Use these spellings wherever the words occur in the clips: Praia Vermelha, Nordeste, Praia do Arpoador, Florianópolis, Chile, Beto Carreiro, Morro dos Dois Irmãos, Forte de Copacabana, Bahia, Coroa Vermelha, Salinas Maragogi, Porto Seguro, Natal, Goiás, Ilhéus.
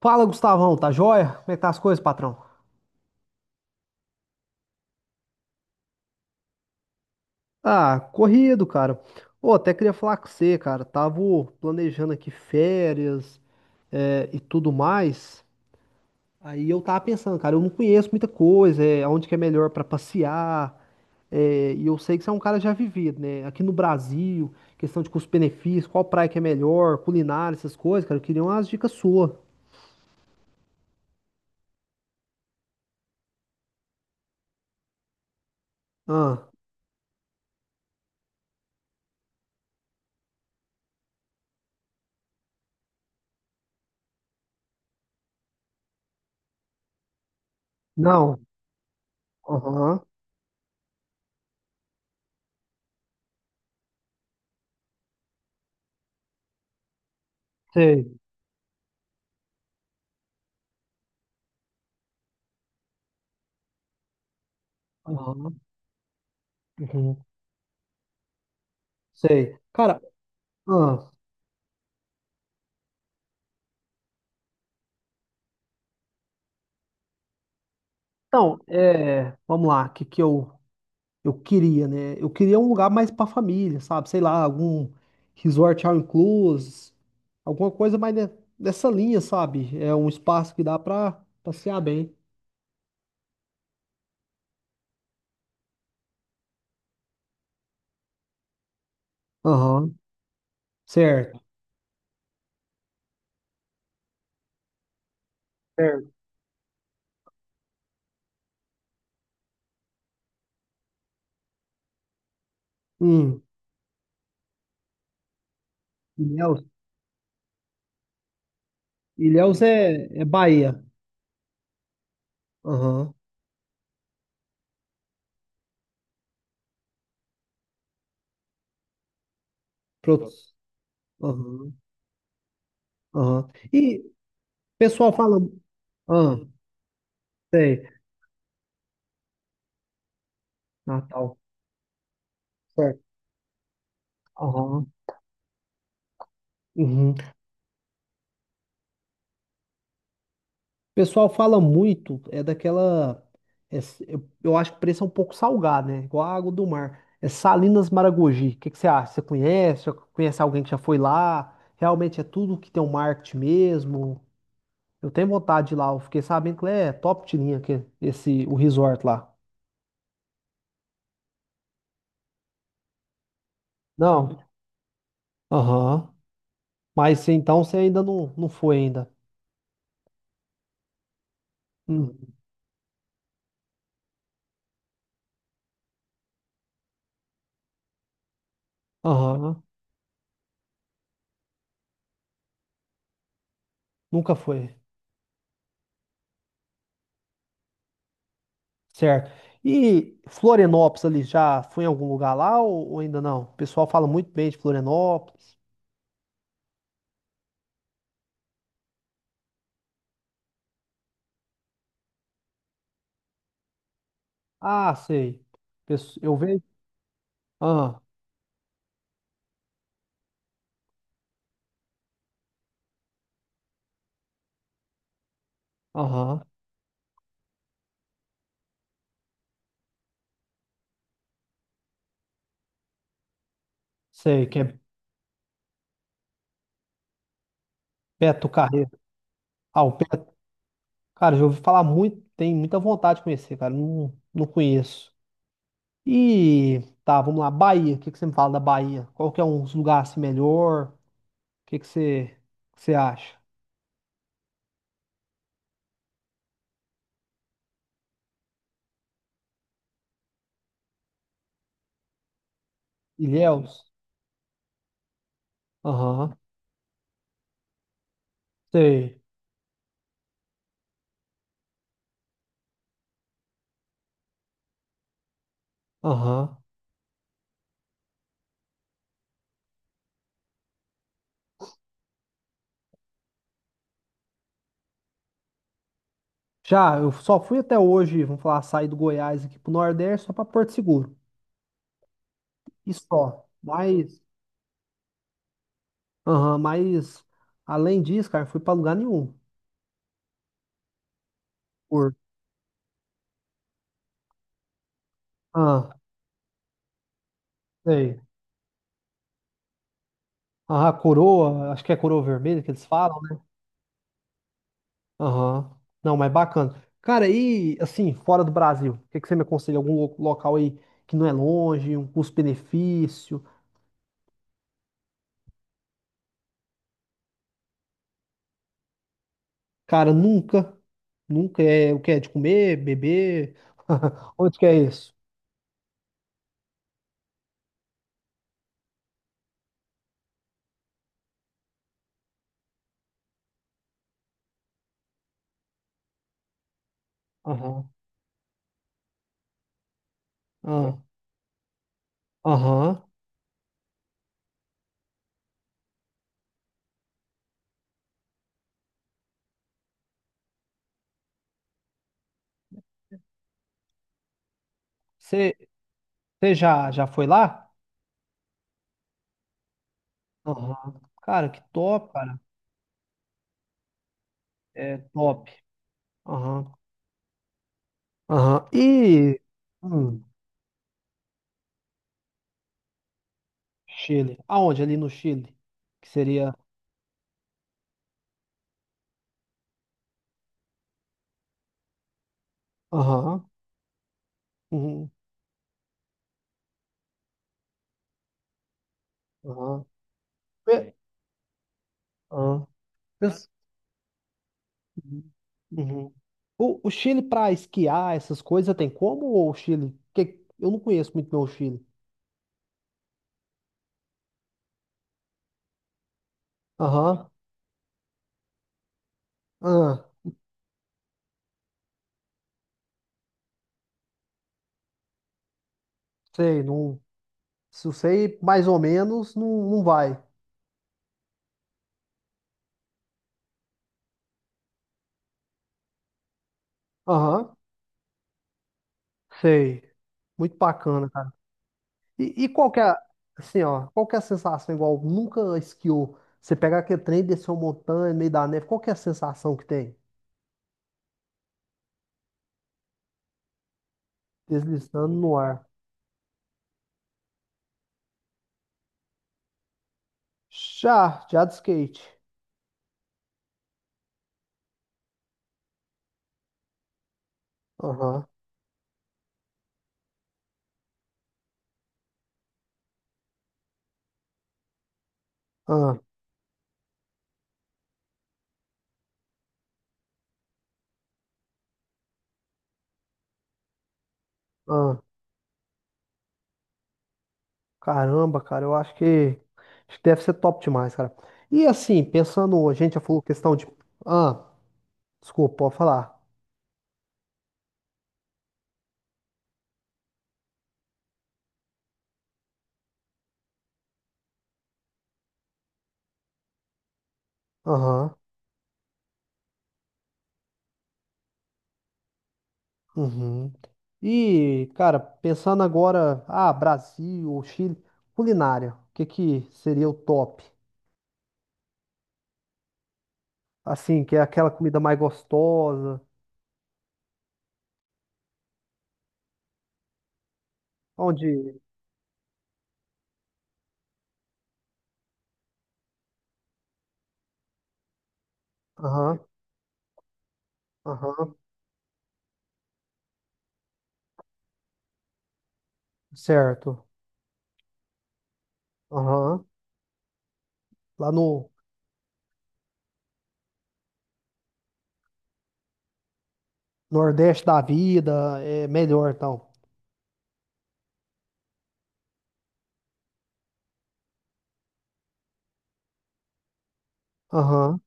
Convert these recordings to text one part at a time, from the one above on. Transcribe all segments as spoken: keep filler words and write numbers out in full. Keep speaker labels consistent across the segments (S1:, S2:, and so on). S1: Fala, Gustavão, tá joia? Como é que tá as coisas, patrão? Ah, corrido, cara. Ô, até queria falar com você, cara. Tava planejando aqui férias, eh, e tudo mais. Aí eu tava pensando, cara, eu não conheço muita coisa, é, aonde que é melhor pra passear. Eh, e eu sei que você é um cara já vivido, né? Aqui no Brasil, questão de custo-benefício, qual praia que é melhor, culinária, essas coisas, cara. Eu queria umas dicas suas. Ah, não. Aham. Sei. Aham. Uhum. Sei. Cara, ah, Então, é, vamos lá, o que, que eu, eu queria, né? Eu queria um lugar mais pra família, sabe? Sei lá, algum resort all inclusive, alguma coisa mais ne- nessa linha, sabe? É um espaço que dá pra passear bem. Aham, certo. Certo. Hum, Ilhéus, Ilhéus é, é Bahia. Aham, pro- aham, aham. E o pessoal fala. Ah, sei, Natal, certo. Aham, uhum. O pessoal fala muito, é daquela. é s- eu, eu acho que o preço é um pouco salgado, né? Igual a água do mar. É Salinas Maragogi. O que que você acha? Você conhece? Já conhece alguém que já foi lá? Realmente é tudo que tem um marketing mesmo? Eu tenho vontade de ir lá. Eu fiquei sabendo que lá é top de linha aqui, esse, o resort lá. Não? Aham. Mas então você ainda não, não foi ainda. Hum. Aham. Nunca foi. Certo. E Florianópolis ali, já foi em algum lugar lá ou, ou ainda não? O pessoal fala muito bem de Florianópolis. Ah, sei. Pesso- Eu vejo. Ah, aham. Sei, que é Beto Carreiro. Ah, o Beto. Cara, já ouvi falar muito, tem muita vontade de conhecer, cara. Não, não conheço. E tá, vamos lá. Bahia. O que que você me fala da Bahia? Qual que é uns lugares assim, melhor? O que que você, que você acha? Ilhéus? Aham. Sei. Aham. Já, eu só fui até hoje, vamos falar, sair do Goiás aqui pro Nordeste só pra Porto Seguro. E só. Mas, aham, mas além disso, cara, eu fui pra lugar nenhum. Por, ah, sei. Aham, coroa, acho que é coroa vermelha que eles falam, né? Aham. Não, mas bacana. Cara, e assim, fora do Brasil, o que que você me aconselha? Algum lo- local aí que não é longe, um custo-benefício? Cara, nunca, nunca é o que é de comer, beber. Onde que é isso? Aham. aham. Aham. Você você já, já foi lá? Aham. Cara, que top, cara. É top. Aham. Aham. E. hum, Chile. Aonde? Ali no Chile? Que seria. Aham. Uhum. Aham. Pe- aham. Pens- Uhum. Uhum. O, o Chile pra esquiar, essas coisas, tem como? Ou o Chile? Que, eu não conheço muito bem o Chile. Aham. Ah, sei. Não, se eu sei mais ou menos, não, não vai. Aham. Sei. Muito bacana, cara. E, e qual que é, assim, ó, qual que é a sensação igual nunca esquiou? Você pegar aquele trem, descer uma montanha, no meio da neve, qual que é a sensação que tem? Deslizando no ar. Já, já de skate. Aham, aham, aham. Caramba, cara, eu acho que, acho que deve ser top demais, cara. E assim, pensando, a gente já falou questão de... Ah, desculpa, pode falar. Aham. Uhum. E, cara, pensando agora, ah, Brasil ou Chile, culinária, o que que seria o top? Assim, que é aquela comida mais gostosa, onde, aham, aham, certo, aham, lá no Nordeste da vida é melhor, então, aham,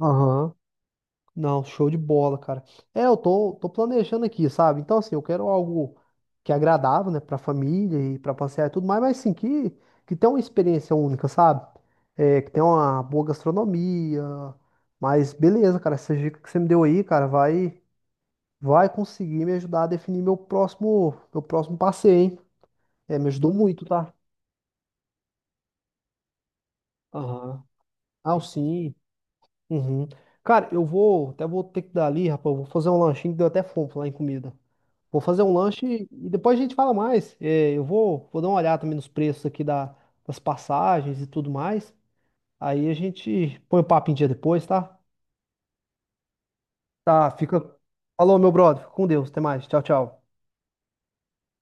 S1: aham, não, show de bola, cara. É, eu tô, tô planejando aqui, sabe? Então, assim, eu quero algo que é agradável, né, pra família e pra passear e tudo mais, mas sim, que, que tenha uma experiência única, sabe? É, que tenha uma boa gastronomia. Mas beleza, cara, essa dica que você me deu aí, cara, vai, vai conseguir me ajudar a definir meu próximo, meu próximo passeio, hein? É, me ajudou muito, tá? Aham. Ah, sim. Uhum. Cara, eu vou, até vou ter que dar ali, rapaz, eu vou fazer um lanchinho que deu até fome lá em comida. Vou fazer um lanche e depois a gente fala mais. É, eu vou, vou dar uma olhada também nos preços aqui da- das passagens e tudo mais. Aí a gente põe o papo em dia depois, tá? Tá, fica. Falou, meu brother. Fica com Deus. Até mais. Tchau, tchau.